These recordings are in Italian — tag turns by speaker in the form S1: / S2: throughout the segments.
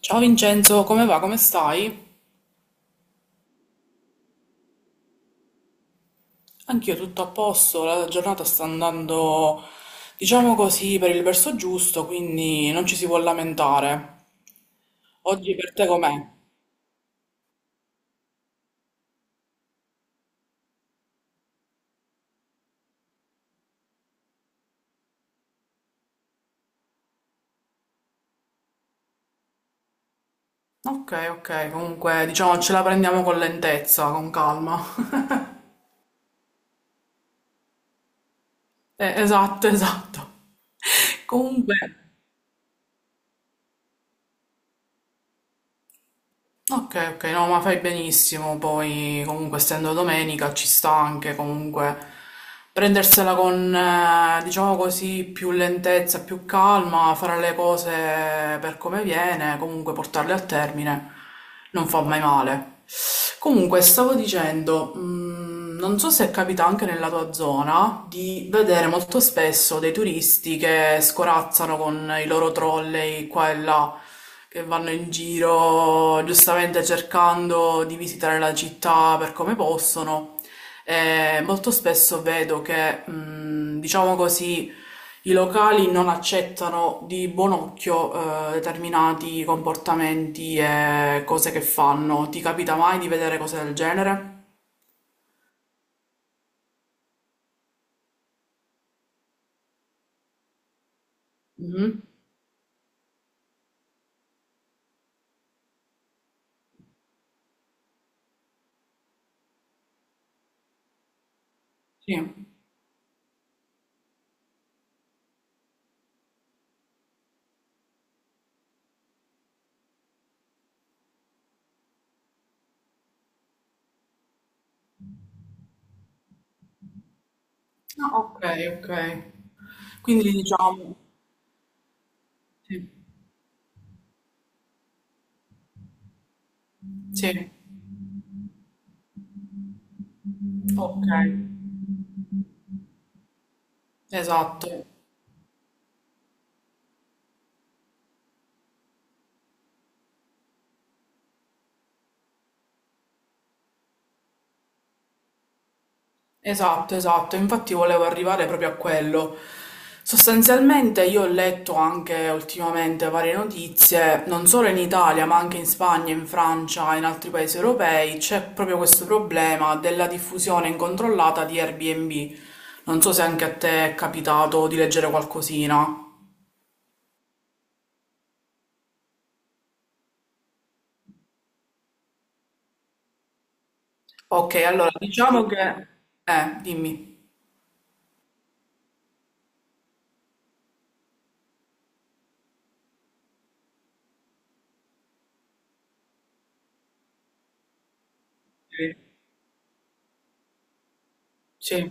S1: Ciao Vincenzo, come va? Come stai? Anch'io tutto a posto, la giornata sta andando, diciamo così, per il verso giusto, quindi non ci si può lamentare. Oggi per te com'è? Ok, ok, comunque diciamo ce la prendiamo con lentezza, con calma. Esatto, esatto. Comunque. Ok, ok, no, ma fai benissimo, poi comunque essendo domenica ci sta anche comunque prendersela con, diciamo così, più lentezza, più calma, fare le cose per come viene, comunque portarle a termine, non fa mai male. Comunque, stavo dicendo, non so se capita anche nella tua zona di vedere molto spesso dei turisti che scorazzano con i loro trolley qua e là, che vanno in giro giustamente cercando di visitare la città per come possono. Molto spesso vedo che, diciamo così, i locali non accettano di buon occhio determinati comportamenti e cose che fanno. Ti capita mai di vedere cose del genere? Mhm. Sì. Ah, ok, ok. Quindi diciamo, sì, sì, ok, esatto. Esatto, esatto, infatti volevo arrivare proprio a quello. Sostanzialmente io ho letto anche ultimamente varie notizie, non solo in Italia, ma anche in Spagna, in Francia e in altri paesi europei, c'è proprio questo problema della diffusione incontrollata di Airbnb. Non so se anche a te è capitato di leggere qualcosina. Ok, allora diciamo che... dimmi. Sì. Sì.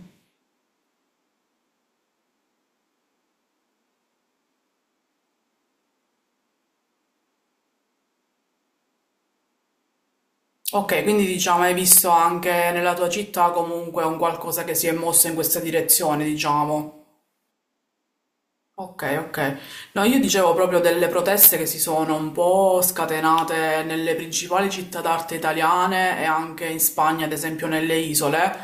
S1: Ok, quindi diciamo hai visto anche nella tua città comunque un qualcosa che si è mosso in questa direzione, diciamo. Ok, ok. No, io dicevo proprio delle proteste che si sono un po' scatenate nelle principali città d'arte italiane e anche in Spagna, ad esempio nelle isole.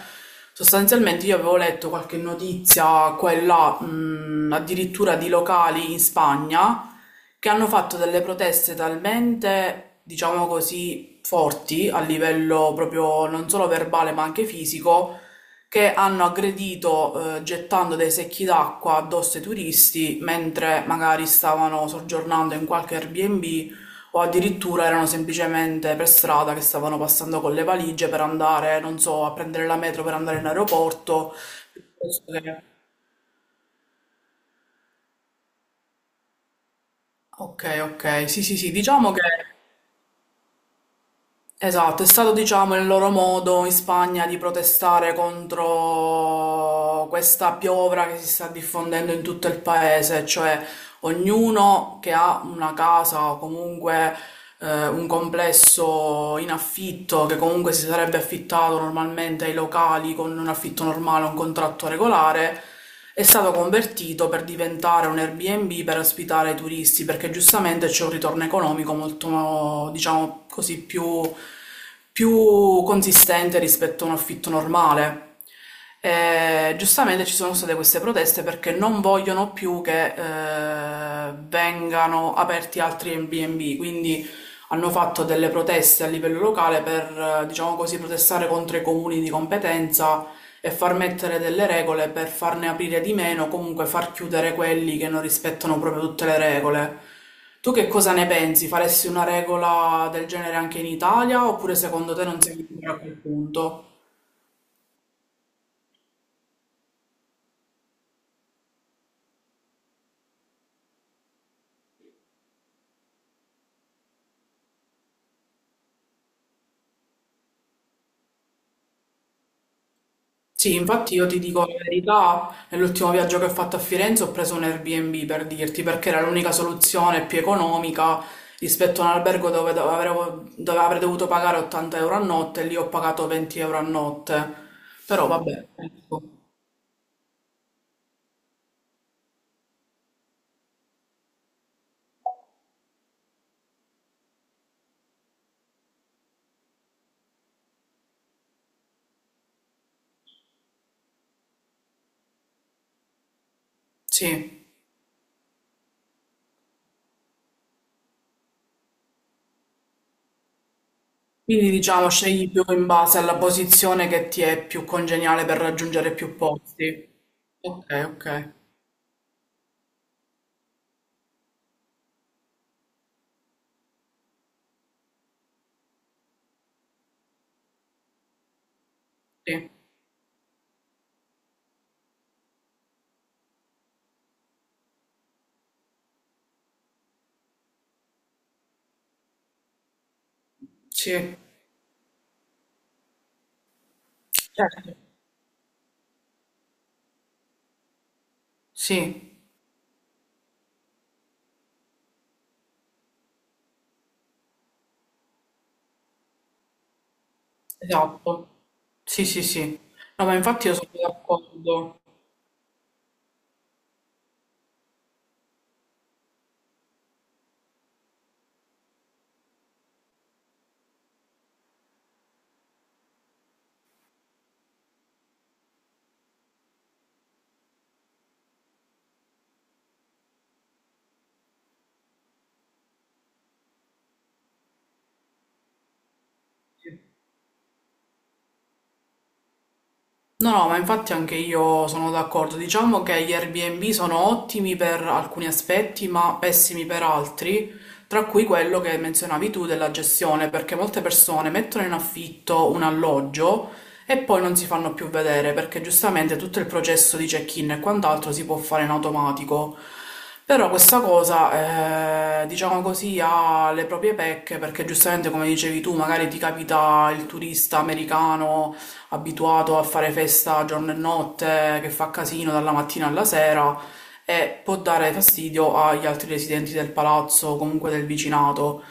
S1: Sostanzialmente io avevo letto qualche notizia, quella, addirittura di locali in Spagna, che hanno fatto delle proteste talmente, diciamo così, forti a livello proprio non solo verbale ma anche fisico che hanno aggredito gettando dei secchi d'acqua addosso ai turisti mentre magari stavano soggiornando in qualche Airbnb o addirittura erano semplicemente per strada che stavano passando con le valigie per andare, non so, a prendere la metro per andare in aeroporto. piuttosto che- Ok, ok, sì, sì, sì, diciamo che esatto, è stato diciamo il loro modo in Spagna di protestare contro questa piovra che si sta diffondendo in tutto il paese, cioè ognuno che ha una casa o comunque un complesso in affitto che comunque si sarebbe affittato normalmente ai locali con un affitto normale, un contratto regolare, è stato convertito per diventare un Airbnb per ospitare i turisti, perché giustamente c'è un ritorno economico molto, diciamo così, più, più consistente rispetto a un affitto normale. E, giustamente ci sono state queste proteste perché non vogliono più che vengano aperti altri Airbnb, quindi hanno fatto delle proteste a livello locale per, diciamo così, protestare contro i comuni di competenza e far mettere delle regole per farne aprire di meno, comunque far chiudere quelli che non rispettano proprio tutte le regole. Tu che cosa ne pensi? Faresti una regola del genere anche in Italia oppure secondo te non siamo ancora a quel punto? Sì, infatti io ti dico la verità, nell'ultimo viaggio che ho fatto a Firenze ho preso un Airbnb per dirti, perché era l'unica soluzione più economica rispetto a un albergo dove avrei dovuto pagare 80 euro a notte e lì ho pagato 20 euro a notte. Però vabbè, ecco, sì. Quindi diciamo scegli più in base alla posizione che ti è più congeniale per raggiungere più posti. Ok, ok, sì, sì, certo, sì. Esatto. Sì, sì, sì. No, ma infatti io sono d'accordo. Sì. No, no, ma infatti anche io sono d'accordo. Diciamo che gli Airbnb sono ottimi per alcuni aspetti, ma pessimi per altri, tra cui quello che menzionavi tu della gestione, perché molte persone mettono in affitto un alloggio e poi non si fanno più vedere, perché giustamente tutto il processo di check-in e quant'altro si può fare in automatico. Però questa cosa, diciamo così, ha le proprie pecche, perché giustamente, come dicevi tu, magari ti capita il turista americano abituato a fare festa giorno e notte, che fa casino dalla mattina alla sera e può dare fastidio agli altri residenti del palazzo o comunque del vicinato.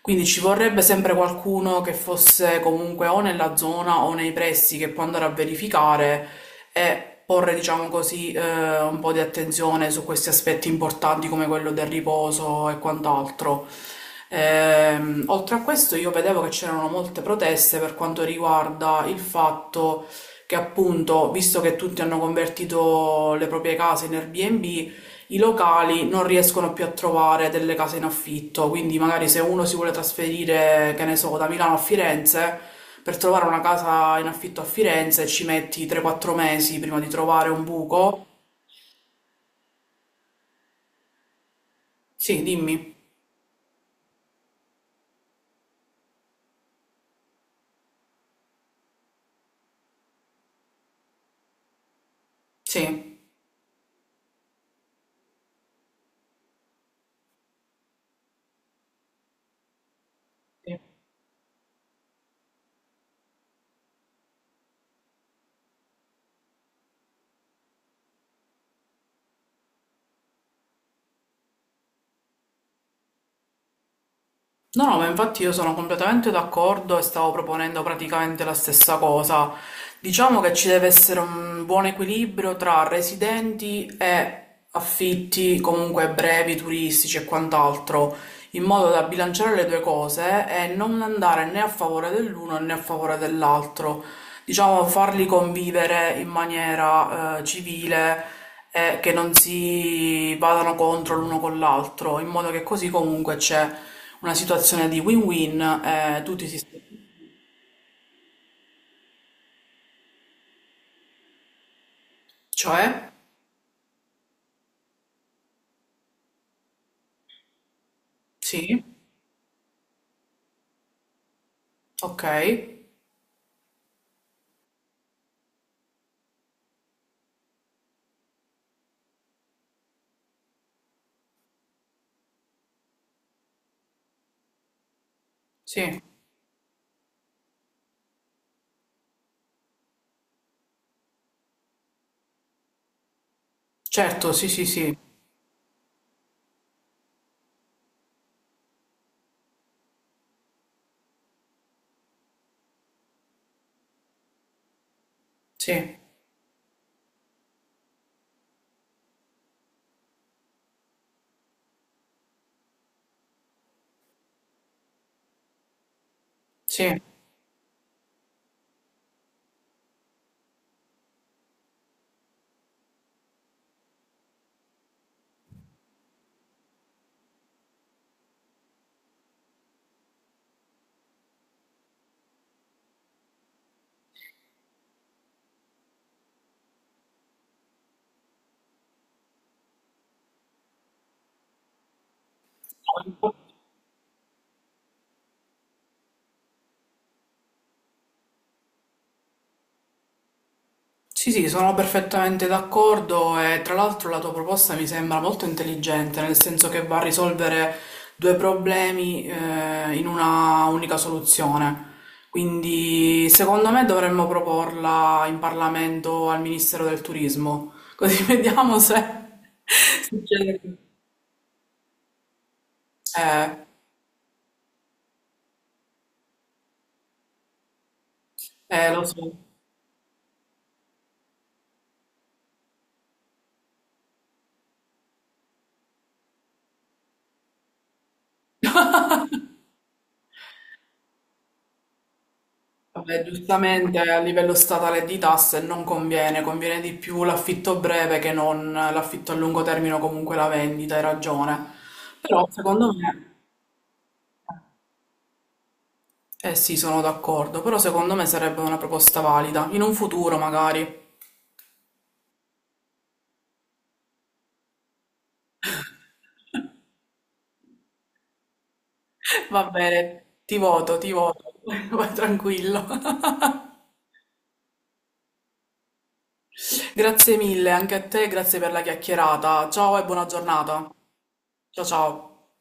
S1: Quindi ci vorrebbe sempre qualcuno che fosse comunque o nella zona o nei pressi che può andare a verificare e porre, diciamo così, un po' di attenzione su questi aspetti importanti come quello del riposo e quant'altro. Oltre a questo, io vedevo che c'erano molte proteste per quanto riguarda il fatto che, appunto, visto che tutti hanno convertito le proprie case in Airbnb, i locali non riescono più a trovare delle case in affitto, quindi magari se uno si vuole trasferire, che ne so, da Milano a Firenze, per trovare una casa in affitto a Firenze ci metti 3-4 mesi prima di trovare un buco. Sì, dimmi. Sì. No, no, ma infatti io sono completamente d'accordo e stavo proponendo praticamente la stessa cosa. Diciamo che ci deve essere un buon equilibrio tra residenti e affitti comunque brevi, turistici e quant'altro, in modo da bilanciare le due cose e non andare né a favore dell'uno né a favore dell'altro diciamo, farli convivere in maniera civile e che non si vadano contro l'uno con l'altro, in modo che così comunque c'è una situazione di win-win e tutti si... Cioè? Sì, ok, sì, certo, sì, sì, sì, sì, sì. Sì, sì, sono perfettamente d'accordo e tra l'altro la tua proposta mi sembra molto intelligente, nel senso che va a risolvere due problemi in una unica soluzione. Quindi secondo me dovremmo proporla in Parlamento al Ministero del Turismo, così vediamo se succede. Eh, lo so. Vabbè, giustamente a livello statale di tasse non conviene, conviene di più l'affitto breve che non l'affitto a lungo termine o comunque la vendita, hai ragione. Però secondo me, eh sì, sono d'accordo, però secondo me sarebbe una proposta valida, in un futuro magari. Va bene, ti voto, vai tranquillo. Grazie mille anche a te, grazie per la chiacchierata. Ciao e buona giornata. Ciao ciao.